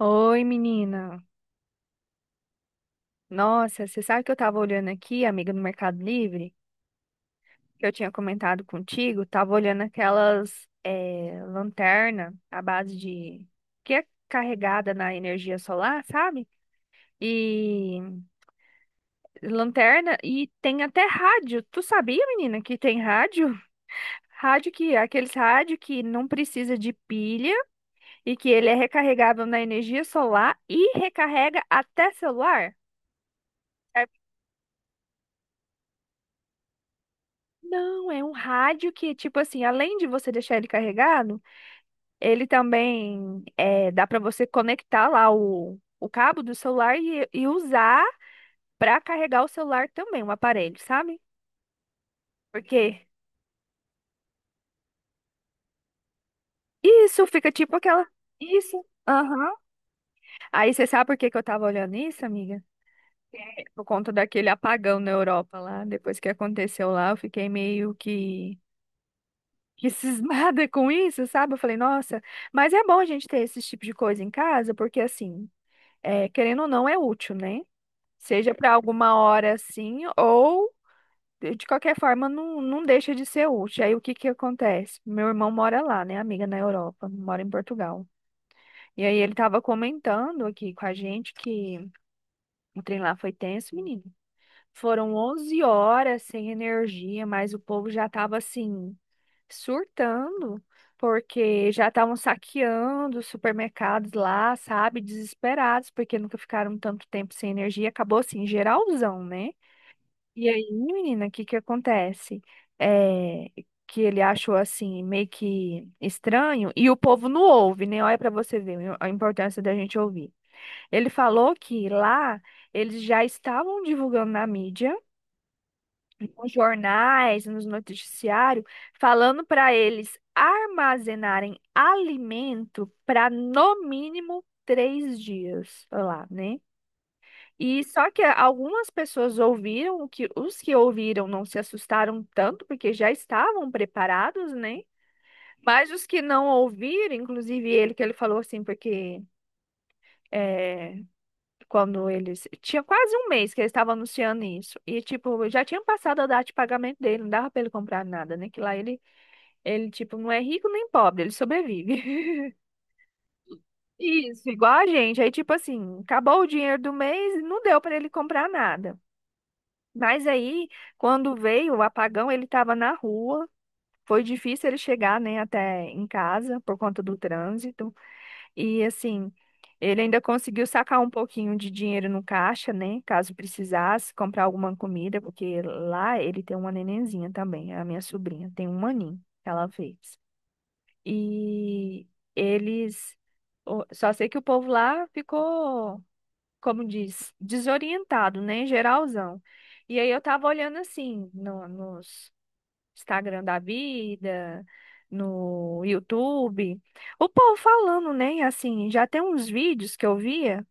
Oi, menina. Nossa, você sabe que eu tava olhando aqui, amiga, no Mercado Livre, que eu tinha comentado contigo, tava olhando aquelas lanterna que é carregada na energia solar, sabe? E lanterna e tem até rádio. Tu sabia, menina, que tem rádio? Rádio que, aqueles rádio que não precisa de pilha e que ele é recarregável na energia solar e recarrega até celular? Não, é um rádio que, tipo assim, além de você deixar ele carregado, ele também dá para você conectar lá o cabo do celular e usar para carregar o celular também, o aparelho, sabe? Porque isso fica tipo aquela. Isso. Aham. Aí você sabe por que que eu tava olhando isso, amiga? É, por conta daquele apagão na Europa lá. Depois que aconteceu lá, eu fiquei meio que cismada com isso, sabe? Eu falei, nossa, mas é bom a gente ter esse tipo de coisa em casa, porque assim, é, querendo ou não, é útil, né? Seja para alguma hora assim, ou de qualquer forma, não, não deixa de ser útil. Aí o que que acontece? Meu irmão mora lá, né, amiga, na Europa, mora em Portugal. E aí ele tava comentando aqui com a gente que o trem lá foi tenso, menino. Foram 11 horas sem energia, mas o povo já tava assim, surtando, porque já estavam saqueando os supermercados lá, sabe? Desesperados, porque nunca ficaram tanto tempo sem energia. Acabou assim, geralzão, né? E aí, menina, o que que acontece? É, que ele achou assim, meio que estranho, e o povo não ouve, né? Olha para você ver a importância da gente ouvir. Ele falou que lá eles já estavam divulgando na mídia, nos jornais, nos noticiários, falando para eles armazenarem alimento para, no mínimo, 3 dias lá, né? E só que algumas pessoas ouviram. O que os que ouviram não se assustaram tanto, porque já estavam preparados, né? Mas os que não ouviram, inclusive ele, que ele falou assim, porque, eh, quando eles, tinha quase um mês que eles estavam anunciando isso. E, tipo, já tinha passado a data de pagamento dele, não dava pra ele comprar nada, né? Que lá ele, tipo, não é rico nem pobre, ele sobrevive. Isso, igual a gente. Aí, tipo assim, acabou o dinheiro do mês e não deu pra ele comprar nada. Mas aí, quando veio o apagão, ele tava na rua. Foi difícil ele chegar, né, até em casa por conta do trânsito. E assim, ele ainda conseguiu sacar um pouquinho de dinheiro no caixa, né? Caso precisasse comprar alguma comida, porque lá ele tem uma nenenzinha também, a minha sobrinha, tem um aninho que ela fez. E eles, só sei que o povo lá ficou, como diz, desorientado, né? Geralzão. E aí eu tava olhando assim, no, nos Instagram da vida, no YouTube. O povo falando, né? Assim, já tem uns vídeos que eu via,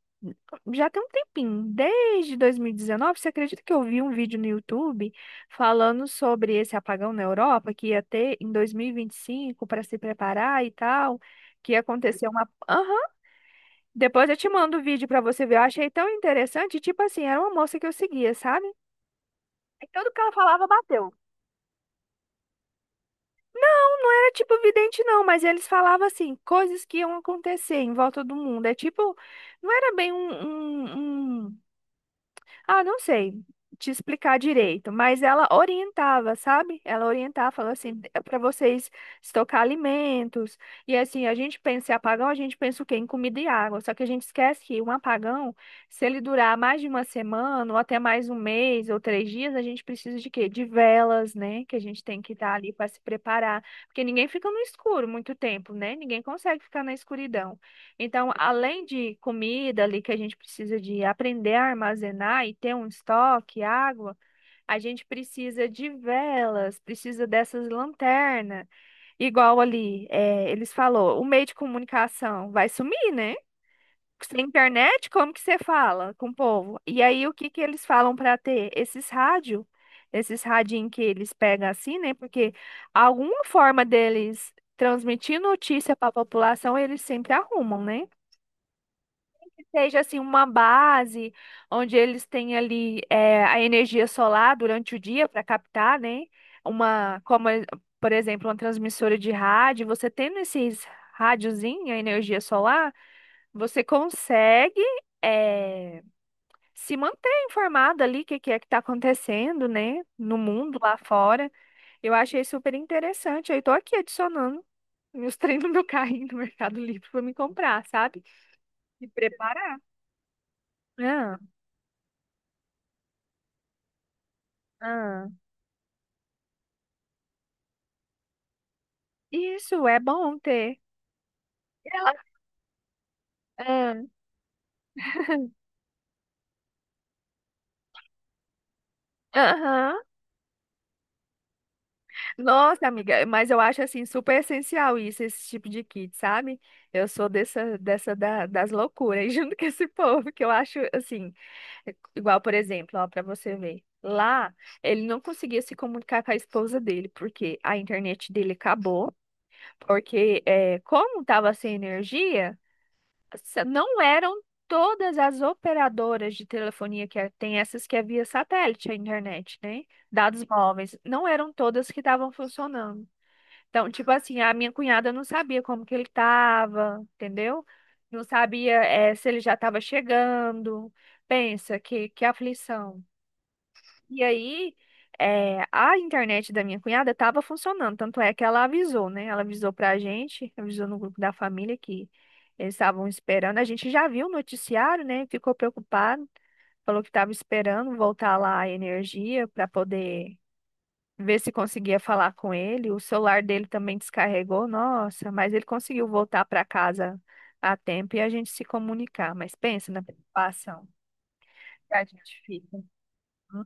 já tem um tempinho, desde 2019. Você acredita que eu vi um vídeo no YouTube falando sobre esse apagão na Europa que ia ter em dois mil e vinte e cinco para se preparar e tal? Que ia acontecer uma. Aham. Depois eu te mando o vídeo para você ver. Eu achei tão interessante. Tipo assim, era uma moça que eu seguia, sabe? Aí tudo que ela falava bateu. Era tipo vidente, não, mas eles falavam assim coisas que iam acontecer em volta do mundo. É tipo, não era bem um não sei te explicar direito, mas ela orientava, sabe? Ela orientava, falou assim, é para vocês estocar alimentos. E assim, a gente pensa em apagão, a gente pensa o quê? Em comida e água. Só que a gente esquece que um apagão, se ele durar mais de uma semana, ou até mais um mês, ou 3 dias, a gente precisa de quê? De velas, né? Que a gente tem que estar ali para se preparar. Porque ninguém fica no escuro muito tempo, né? Ninguém consegue ficar na escuridão. Então, além de comida ali que a gente precisa de aprender a armazenar e ter um estoque, água, a gente precisa de velas, precisa dessas lanternas. Igual ali, eles falou, o meio de comunicação vai sumir, né? Sem internet, como que você fala com o povo? E aí, o que que eles falam para ter? Esses rádio, esses radinho que eles pegam assim, né? Porque alguma forma deles transmitir notícia para a população, eles sempre arrumam, né? Seja assim uma base onde eles têm ali, a energia solar durante o dia para captar, né? Uma, como, por exemplo, uma transmissora de rádio. Você tendo esses rádiozinho, a energia solar, você consegue eh, se manter informado ali o que, que é que está acontecendo, né? No mundo lá fora. Eu achei super interessante. Aí estou aqui adicionando meus treinos no meu carrinho no Mercado Livre para me comprar, sabe? Me preparar. Ah, ah. Isso é bom ter. Ela- Ah, aham. Nossa, amiga, mas eu acho assim super essencial isso, esse tipo de kit, sabe? Eu sou dessa, das loucuras junto com esse povo, que eu acho assim, igual, por exemplo, ó, para você ver. Lá, ele não conseguia se comunicar com a esposa dele, porque a internet dele acabou, porque é, como tava sem energia. Não eram todas as operadoras de telefonia tem essas que é via satélite a internet, né? Dados móveis, não eram todas que estavam funcionando. Então, tipo assim, a minha cunhada não sabia como que ele estava, entendeu? Não sabia, se ele já estava chegando. Pensa que aflição. E aí, a internet da minha cunhada estava funcionando, tanto é que ela avisou, né? Ela avisou para a gente, avisou no grupo da família que eles estavam esperando. A gente já viu o noticiário, né? Ficou preocupado, falou que estava esperando voltar lá a energia para poder ver se conseguia falar com ele. O celular dele também descarregou, nossa, mas ele conseguiu voltar para casa a tempo e a gente se comunicar. Mas pensa na preocupação que a gente fica. Não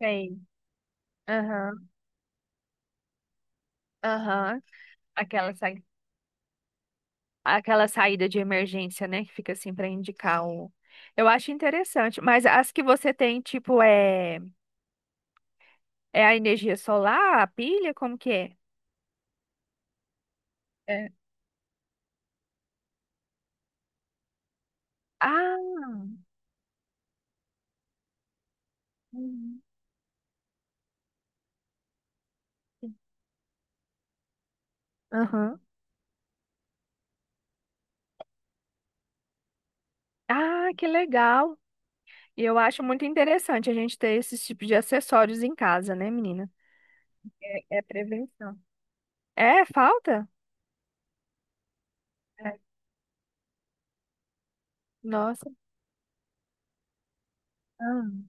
sei. Aham, aham. Aquela, sai- aquela saída de emergência, né? Que fica assim para indicar o. Eu acho interessante, mas as que você tem, tipo, é, é a energia solar, a pilha, como que é? É. Ah, uhum. Aham. Ah, que legal. E eu acho muito interessante a gente ter esses tipos de acessórios em casa, né, menina? É, é prevenção. É, falta? É. Nossa. Ah,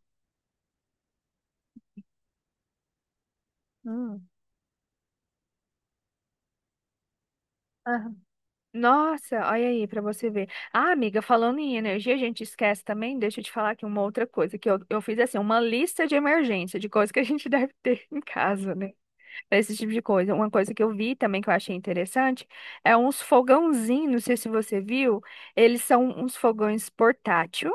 hum. Nossa, olha aí pra você ver. Ah, amiga, falando em energia, a gente esquece também. Deixa eu te falar aqui uma outra coisa, que eu fiz assim uma lista de emergência, de coisas que a gente deve ter em casa, né? Pra esse tipo de coisa. Uma coisa que eu vi também que eu achei interessante é uns fogãozinhos, não sei se você viu. Eles são uns fogões portátil,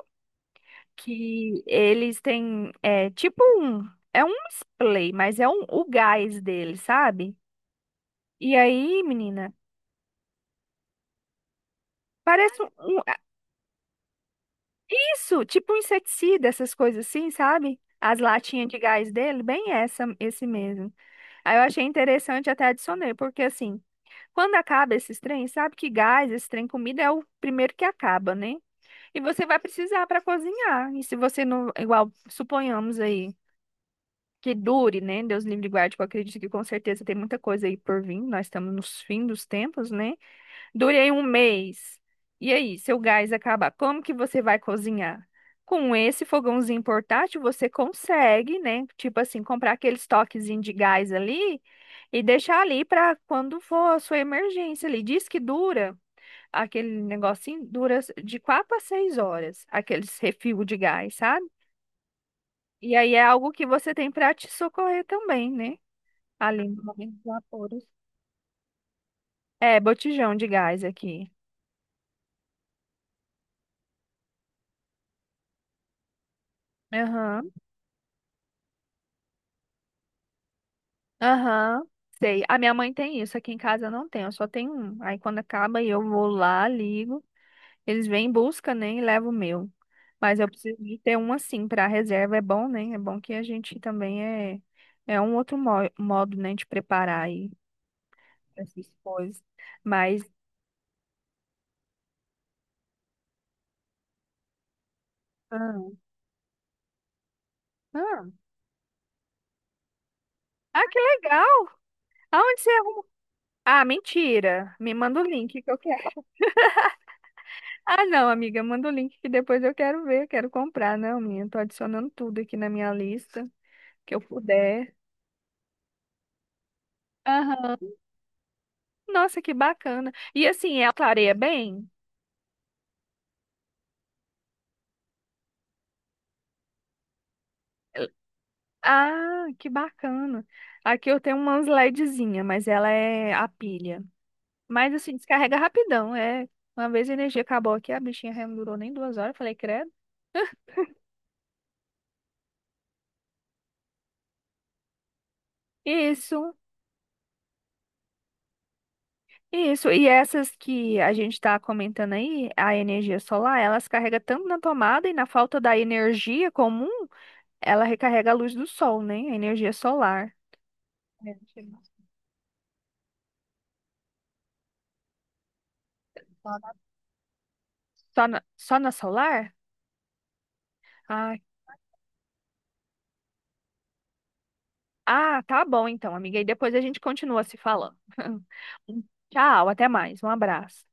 que eles têm, é tipo um, é um display, mas é um, o gás dele, sabe? E aí, menina, parece um. Isso, tipo um inseticida, essas coisas assim, sabe? As latinhas de gás dele, bem essa, esse mesmo. Aí eu achei interessante, até adicionei, porque assim, quando acaba esses trem, sabe, que gás, esse trem comida é o primeiro que acaba, né? E você vai precisar para cozinhar. E se você não, igual, suponhamos aí, que dure, né? Deus livre e guarde, que eu acredito que com certeza tem muita coisa aí por vir. Nós estamos nos fins dos tempos, né? Durei um mês. E aí, seu gás acabar, como que você vai cozinhar? Com esse fogãozinho portátil, você consegue, né? Tipo assim, comprar aqueles toquezinhos de gás ali e deixar ali para quando for a sua emergência ali. Diz que dura, aquele negocinho dura de 4 a 6 horas, aqueles refil de gás, sabe? E aí é algo que você tem para te socorrer também, né? Ali no momento dos apuros. É, botijão de gás aqui. Aham. Aham, sei. A minha mãe tem isso. Aqui em casa eu não tenho, eu só tenho um. Aí quando acaba eu vou lá, ligo, eles vêm em busca, né, e levam o meu. Mas eu preciso de ter um assim para reserva, é bom, né? É bom que a gente também é um outro modo, né, de preparar aí essas coisas. Mas ah, ah, ah, que legal! Aonde você arruma? Ah, mentira. Me manda o link que eu quero. Ah, não, amiga, manda o link que depois eu quero ver, quero comprar, não, minha. Tô adicionando tudo aqui na minha lista. Que eu puder. Aham. Nossa, que bacana. E assim, ela clareia bem? Ah, que bacana. Aqui eu tenho umas LEDzinha, mas ela é a pilha. Mas assim, descarrega rapidão. É, uma vez a energia acabou aqui, a bichinha já não durou nem 2 horas. Eu falei, credo. Isso, isso. E essas que a gente tá comentando aí, a energia solar, elas carrega tanto na tomada e na falta da energia comum, ela recarrega a luz do sol, né? A energia solar. É, achei massa. Só na Solar? Ah, ah, tá bom então, amiga. E depois a gente continua se falando. Tchau, até mais. Um abraço.